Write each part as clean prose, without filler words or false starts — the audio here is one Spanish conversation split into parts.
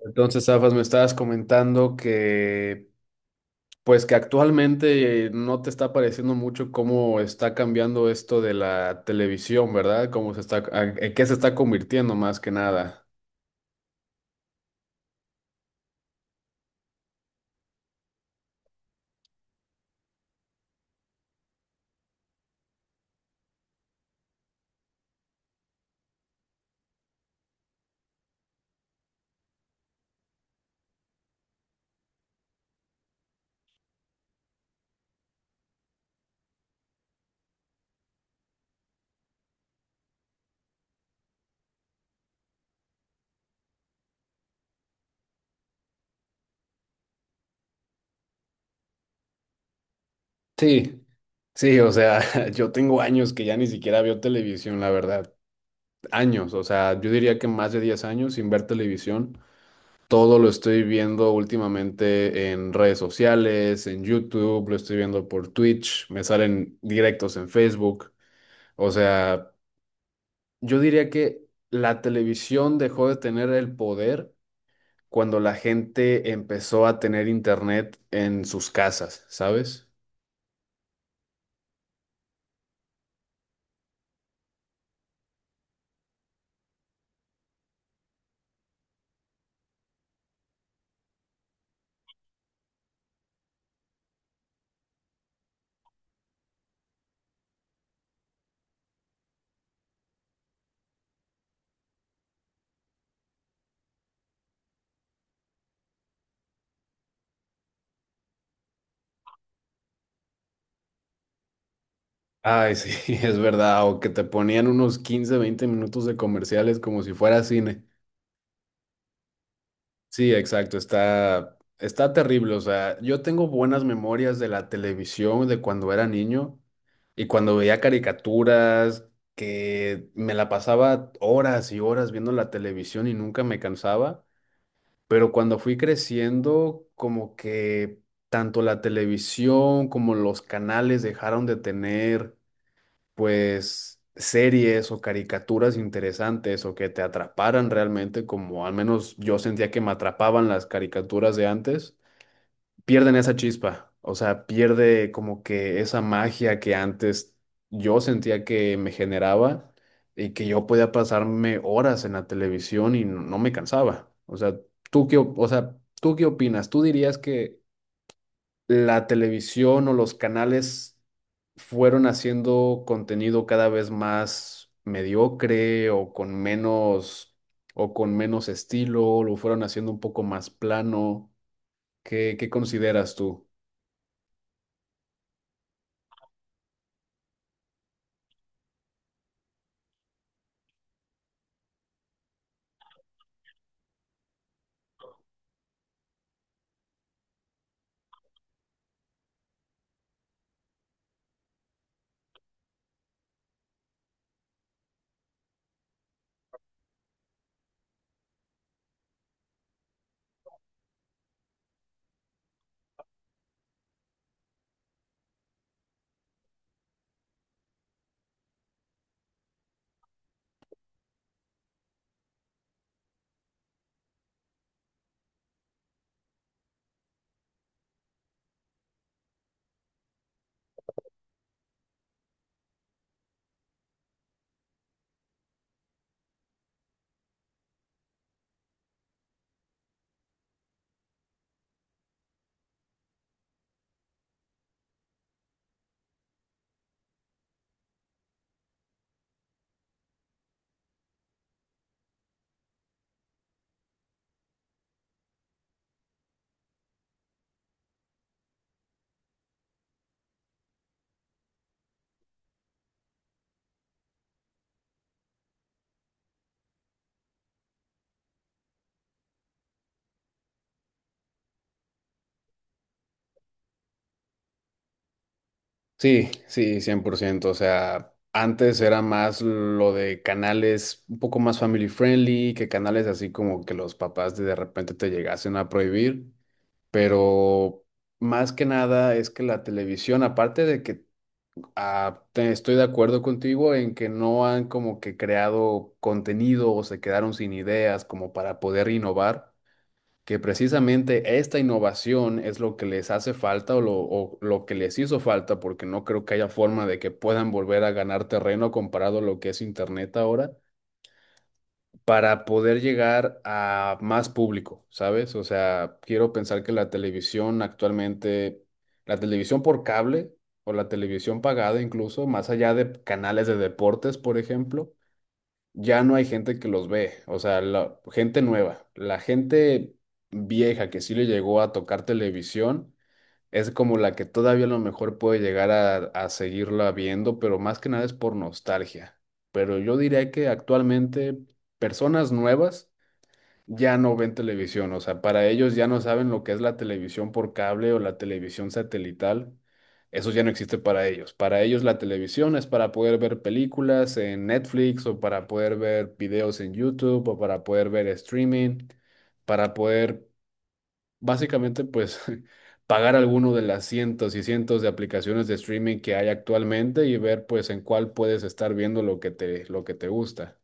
Entonces, Zafas, me estabas comentando pues que actualmente no te está pareciendo mucho cómo está cambiando esto de la televisión, ¿verdad? Cómo se está, en qué se está convirtiendo más que nada. Sí, sí, o sea, yo tengo años que ya ni siquiera veo televisión, la verdad. Años, o sea, yo diría que más de 10 años sin ver televisión. Todo lo estoy viendo últimamente en redes sociales, en YouTube, lo estoy viendo por Twitch, me salen directos en Facebook. O sea, yo diría que la televisión dejó de tener el poder cuando la gente empezó a tener internet en sus casas, ¿sabes? Ay, sí, es verdad, o que te ponían unos 15 20 minutos de comerciales como si fuera cine. Sí, exacto, está terrible. O sea, yo tengo buenas memorias de la televisión de cuando era niño y cuando veía caricaturas, que me la pasaba horas y horas viendo la televisión y nunca me cansaba. Pero cuando fui creciendo, como que tanto la televisión como los canales dejaron de tener, pues, series o caricaturas interesantes o que te atraparan realmente, como al menos yo sentía que me atrapaban las caricaturas de antes pierden esa chispa, o sea, pierde como que esa magia que antes yo sentía que me generaba y que yo podía pasarme horas en la televisión y no, no me cansaba. O sea, ¿tú qué, o sea, tú qué opinas? ¿Tú dirías que la televisión o los canales fueron haciendo contenido cada vez más mediocre o con menos estilo, lo fueron haciendo un poco más plano? ¿Qué, qué consideras tú? Sí, sí, 100%. O sea, antes era más lo de canales un poco más family friendly, que canales así como que los papás de repente te llegasen a prohibir. Pero más que nada es que la televisión, aparte de que estoy de acuerdo contigo en que no han como que creado contenido o se quedaron sin ideas como para poder innovar, que precisamente esta innovación es lo que les hace falta o lo que les hizo falta, porque no creo que haya forma de que puedan volver a ganar terreno comparado a lo que es Internet ahora, para poder llegar a más público, ¿sabes? O sea, quiero pensar que la televisión actualmente, la televisión por cable o la televisión pagada incluso, más allá de canales de deportes, por ejemplo, ya no hay gente que los ve, o sea, la gente nueva, la gente vieja que sí le llegó a tocar televisión, es como la que todavía a lo mejor puede llegar a seguirla viendo, pero más que nada es por nostalgia. Pero yo diría que actualmente personas nuevas ya no ven televisión, o sea, para ellos ya no saben lo que es la televisión por cable o la televisión satelital, eso ya no existe para ellos. Para ellos la televisión es para poder ver películas en Netflix o para poder ver videos en YouTube o para poder ver streaming, para poder básicamente pues pagar alguno de las cientos y cientos de aplicaciones de streaming que hay actualmente y ver, pues, en cuál puedes estar viendo lo que te gusta.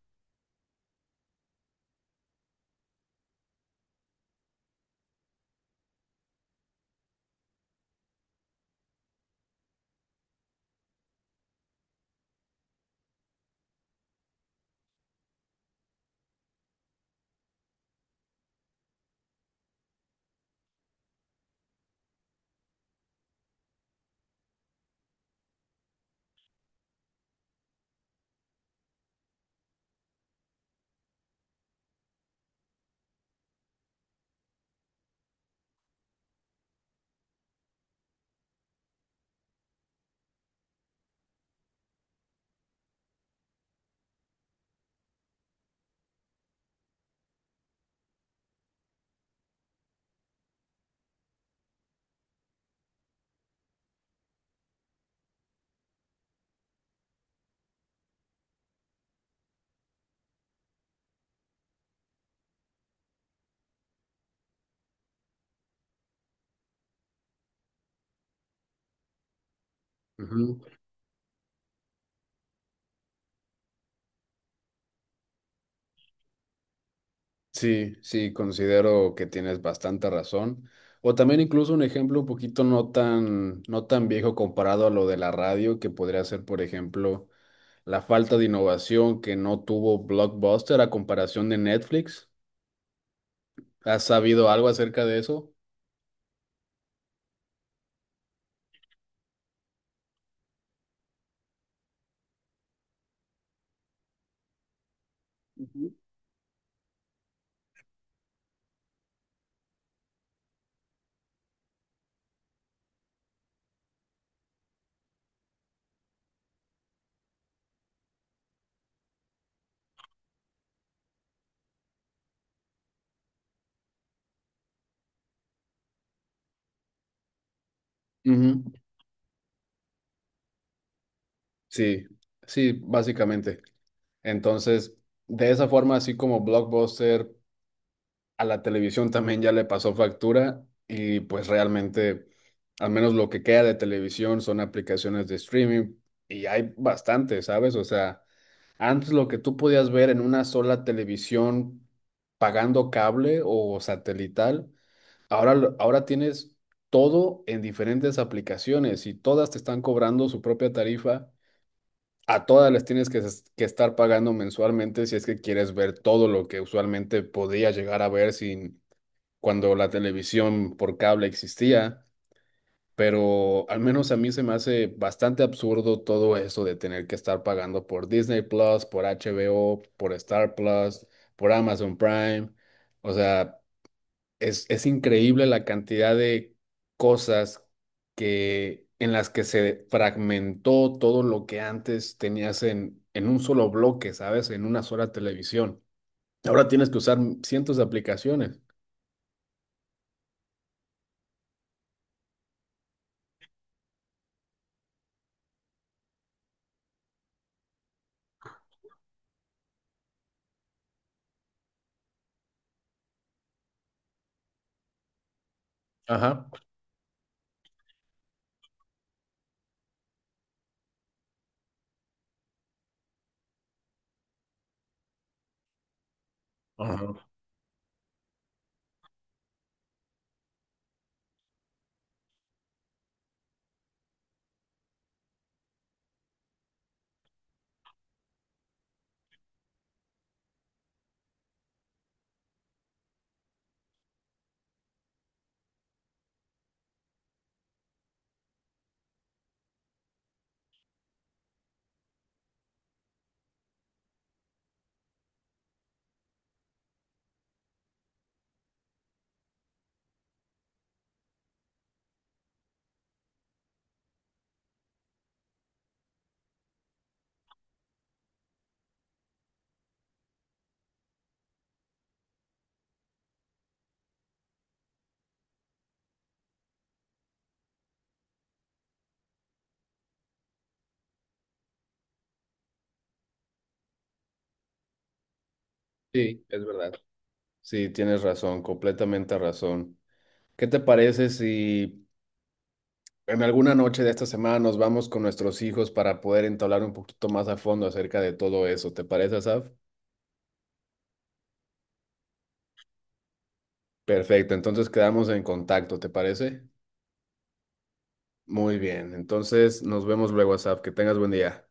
Ujú. Sí, sí, considero que tienes bastante razón. O también incluso un ejemplo un poquito no tan viejo comparado a lo de la radio, que podría ser, por ejemplo, la falta de innovación que no tuvo Blockbuster a comparación de Netflix. ¿Has sabido algo acerca de eso? Ujú. Sí, sí, básicamente. Entonces, de esa forma, así como Blockbuster, a la televisión también ya le pasó factura y, pues, realmente, al menos lo que queda de televisión son aplicaciones de streaming y hay bastante, ¿sabes? O sea, antes lo que tú podías ver en una sola televisión pagando cable o satelital, ahora, ahora tienes todo en diferentes aplicaciones y todas te están cobrando su propia tarifa. A todas les tienes que, que estar pagando mensualmente si es que quieres ver todo lo que usualmente podías llegar a ver sin, cuando la televisión por cable existía, pero al menos a mí se me hace bastante absurdo todo eso de tener que estar pagando por Disney Plus, por HBO, por Star Plus, por Amazon Prime. O sea, es increíble la cantidad de cosas que, en las que se fragmentó todo lo que antes tenías en un solo bloque, ¿sabes? En una sola televisión. Ahora tienes que usar cientos de aplicaciones. Ajá. Ajá. Sí, es verdad. Sí, tienes razón, completamente razón. ¿Qué te parece si en alguna noche de esta semana nos vamos con nuestros hijos para poder entablar un poquito más a fondo acerca de todo eso? ¿Te parece, Asaf? Perfecto, entonces quedamos en contacto, ¿te parece? Muy bien, entonces nos vemos luego, Asaf. Que tengas buen día.